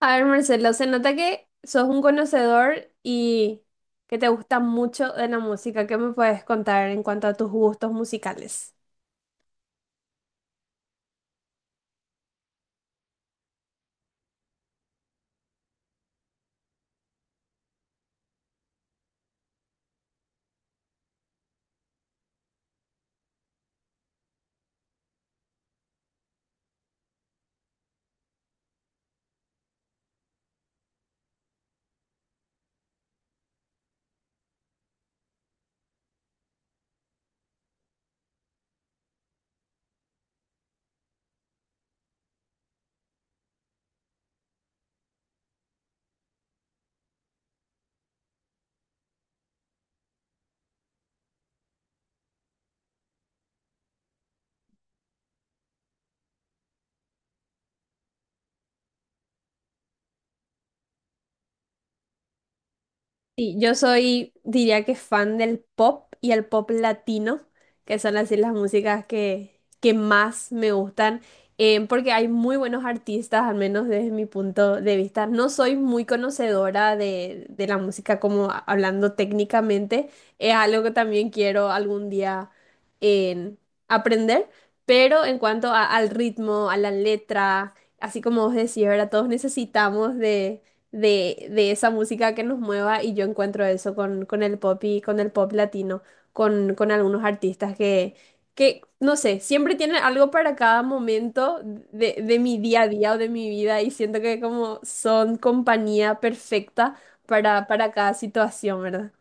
A ver, Marcelo, se nota que sos un conocedor y que te gusta mucho de la música. ¿Qué me puedes contar en cuanto a tus gustos musicales? Sí, yo soy, diría que fan del pop y el pop latino, que son así las músicas que más me gustan, porque hay muy buenos artistas, al menos desde mi punto de vista. No soy muy conocedora de la música como hablando técnicamente, es algo que también quiero algún día en aprender, pero en cuanto al ritmo, a la letra, así como vos decís, ahora todos necesitamos de esa música que nos mueva, y yo encuentro eso con el pop y con el pop latino, con algunos artistas que, no sé, siempre tienen algo para cada momento de mi día a día o de mi vida, y siento que como son compañía perfecta para cada situación, ¿verdad?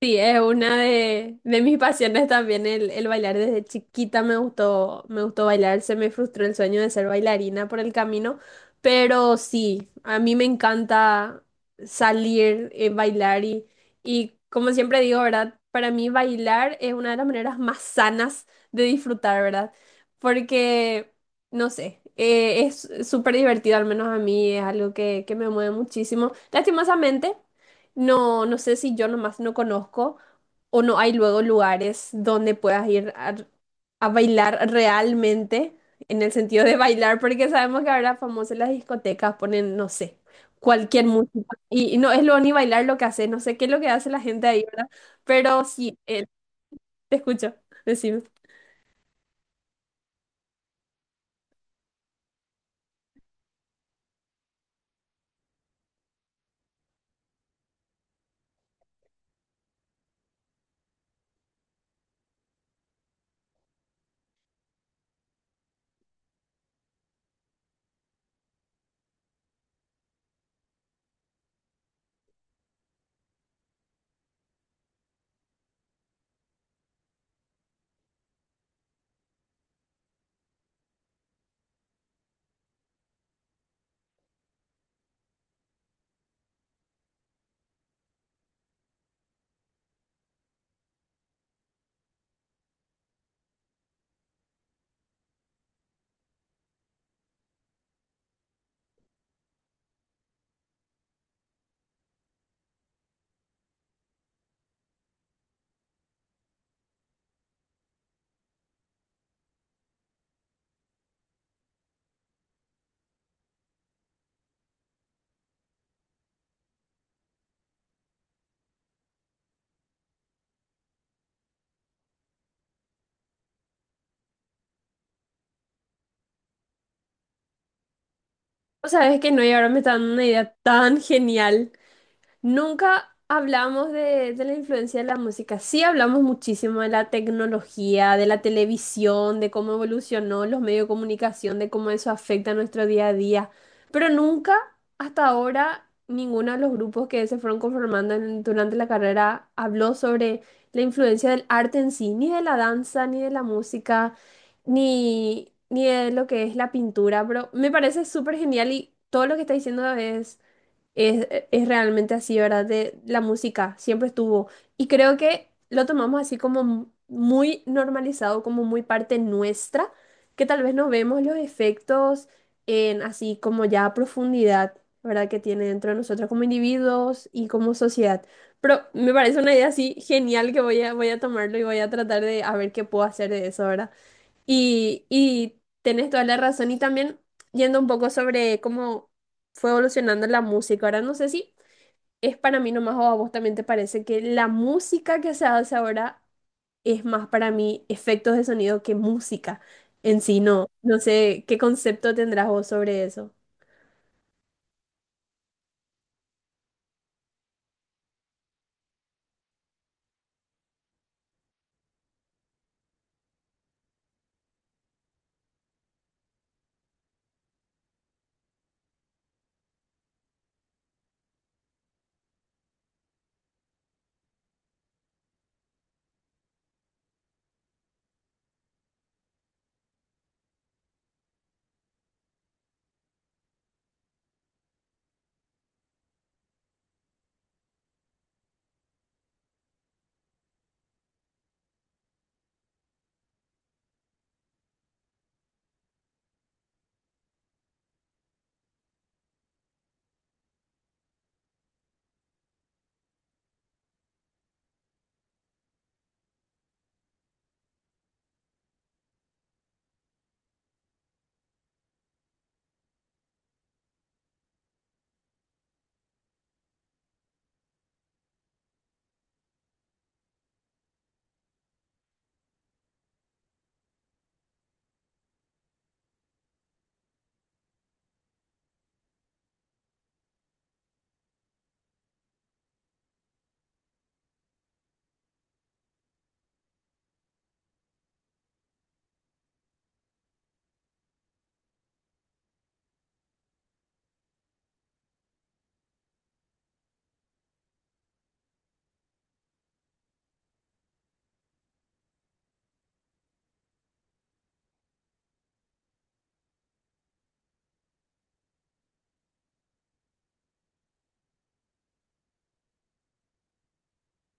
Sí, es una de mis pasiones también el bailar. Desde chiquita me gustó bailar. Se me frustró el sueño de ser bailarina por el camino, pero sí, a mí me encanta salir, bailar y como siempre digo, ¿verdad? Para mí bailar es una de las maneras más sanas de disfrutar, ¿verdad? Porque, no sé, es súper divertido, al menos a mí es algo que me mueve muchísimo. Lastimosamente. No, no sé si yo nomás no conozco o no hay luego lugares donde puedas ir a bailar realmente, en el sentido de bailar, porque sabemos que ahora famosas las discotecas ponen, no sé, cualquier música. Y no es lo ni bailar lo que hace, no sé qué es lo que hace la gente ahí, ¿verdad? Pero sí, te escucho, decime. O sabes que no, y ahora me está dando una idea tan genial. Nunca hablamos de la influencia de la música. Sí hablamos muchísimo de la tecnología, de la televisión, de cómo evolucionó los medios de comunicación, de cómo eso afecta a nuestro día a día. Pero nunca, hasta ahora, ninguno de los grupos que se fueron conformando durante la carrera habló sobre la influencia del arte en sí, ni de la danza, ni de la música, ni, ni de lo que es la pintura. Pero me parece súper genial, y todo lo que está diciendo es, es realmente así, ¿verdad? De la música siempre estuvo. Y creo que lo tomamos así como muy normalizado, como muy parte nuestra, que tal vez no vemos los efectos en así como ya a profundidad, ¿verdad? Que tiene dentro de nosotros como individuos y como sociedad. Pero me parece una idea así genial que voy a tomarlo, y voy a tratar de a ver qué puedo hacer de eso, ¿verdad? Y tenés toda la razón. Y también yendo un poco sobre cómo fue evolucionando la música. Ahora no sé si es para mí nomás, o a vos también te parece que la música que se hace ahora es más para mí efectos de sonido que música en sí. No, no sé qué concepto tendrás vos sobre eso.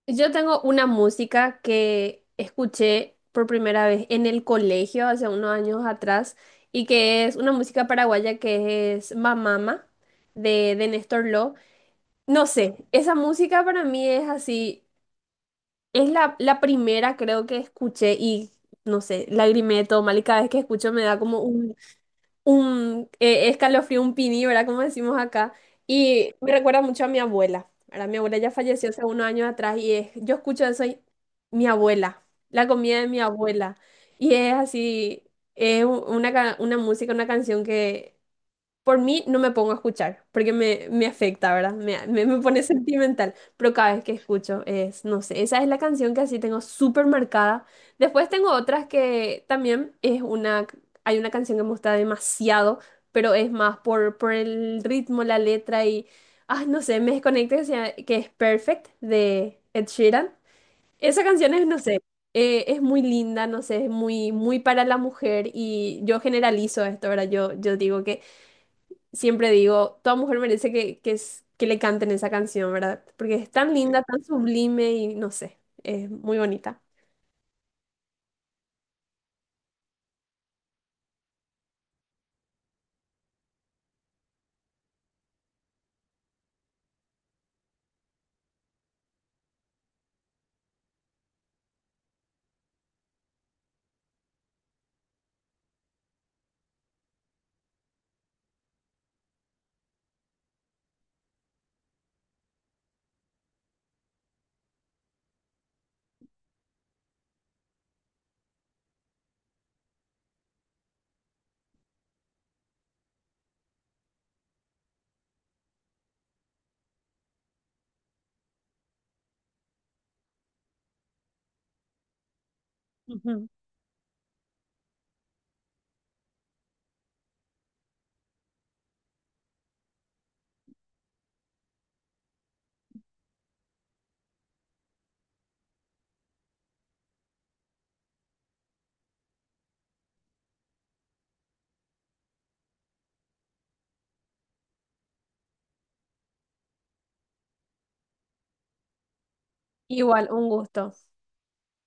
Yo tengo una música que escuché por primera vez en el colegio hace unos años atrás, y que es una música paraguaya que es Mamama de Néstor Ló. No sé, esa música para mí es así, es la, la primera creo que escuché, y no sé, lagrimé de todo mal, y cada vez que escucho me da como un escalofrío, un pini, ¿verdad? Como decimos acá. Y me recuerda mucho a mi abuela, ¿verdad? Mi abuela ya falleció hace unos años atrás, y es, yo escucho eso y mi abuela, la comida de mi abuela. Y es así, es una, una música, una canción que por mí no me pongo a escuchar, porque me afecta, ¿verdad? Me pone sentimental. Pero cada vez que escucho es, no sé, esa es la canción que así tengo súper marcada. Después tengo otras que también es una, hay una canción que me gusta demasiado, pero es más por el ritmo, la letra y, no sé, me desconecta que es Perfect de Ed Sheeran. Esa canción es, no sé, es muy linda, no sé, es muy, muy para la mujer, y yo generalizo esto, ¿verdad? Yo digo que siempre digo, toda mujer merece que le canten esa canción, ¿verdad? Porque es tan Sí. linda, tan sublime, y no sé, es muy bonita. Ujú. Igual, un gusto.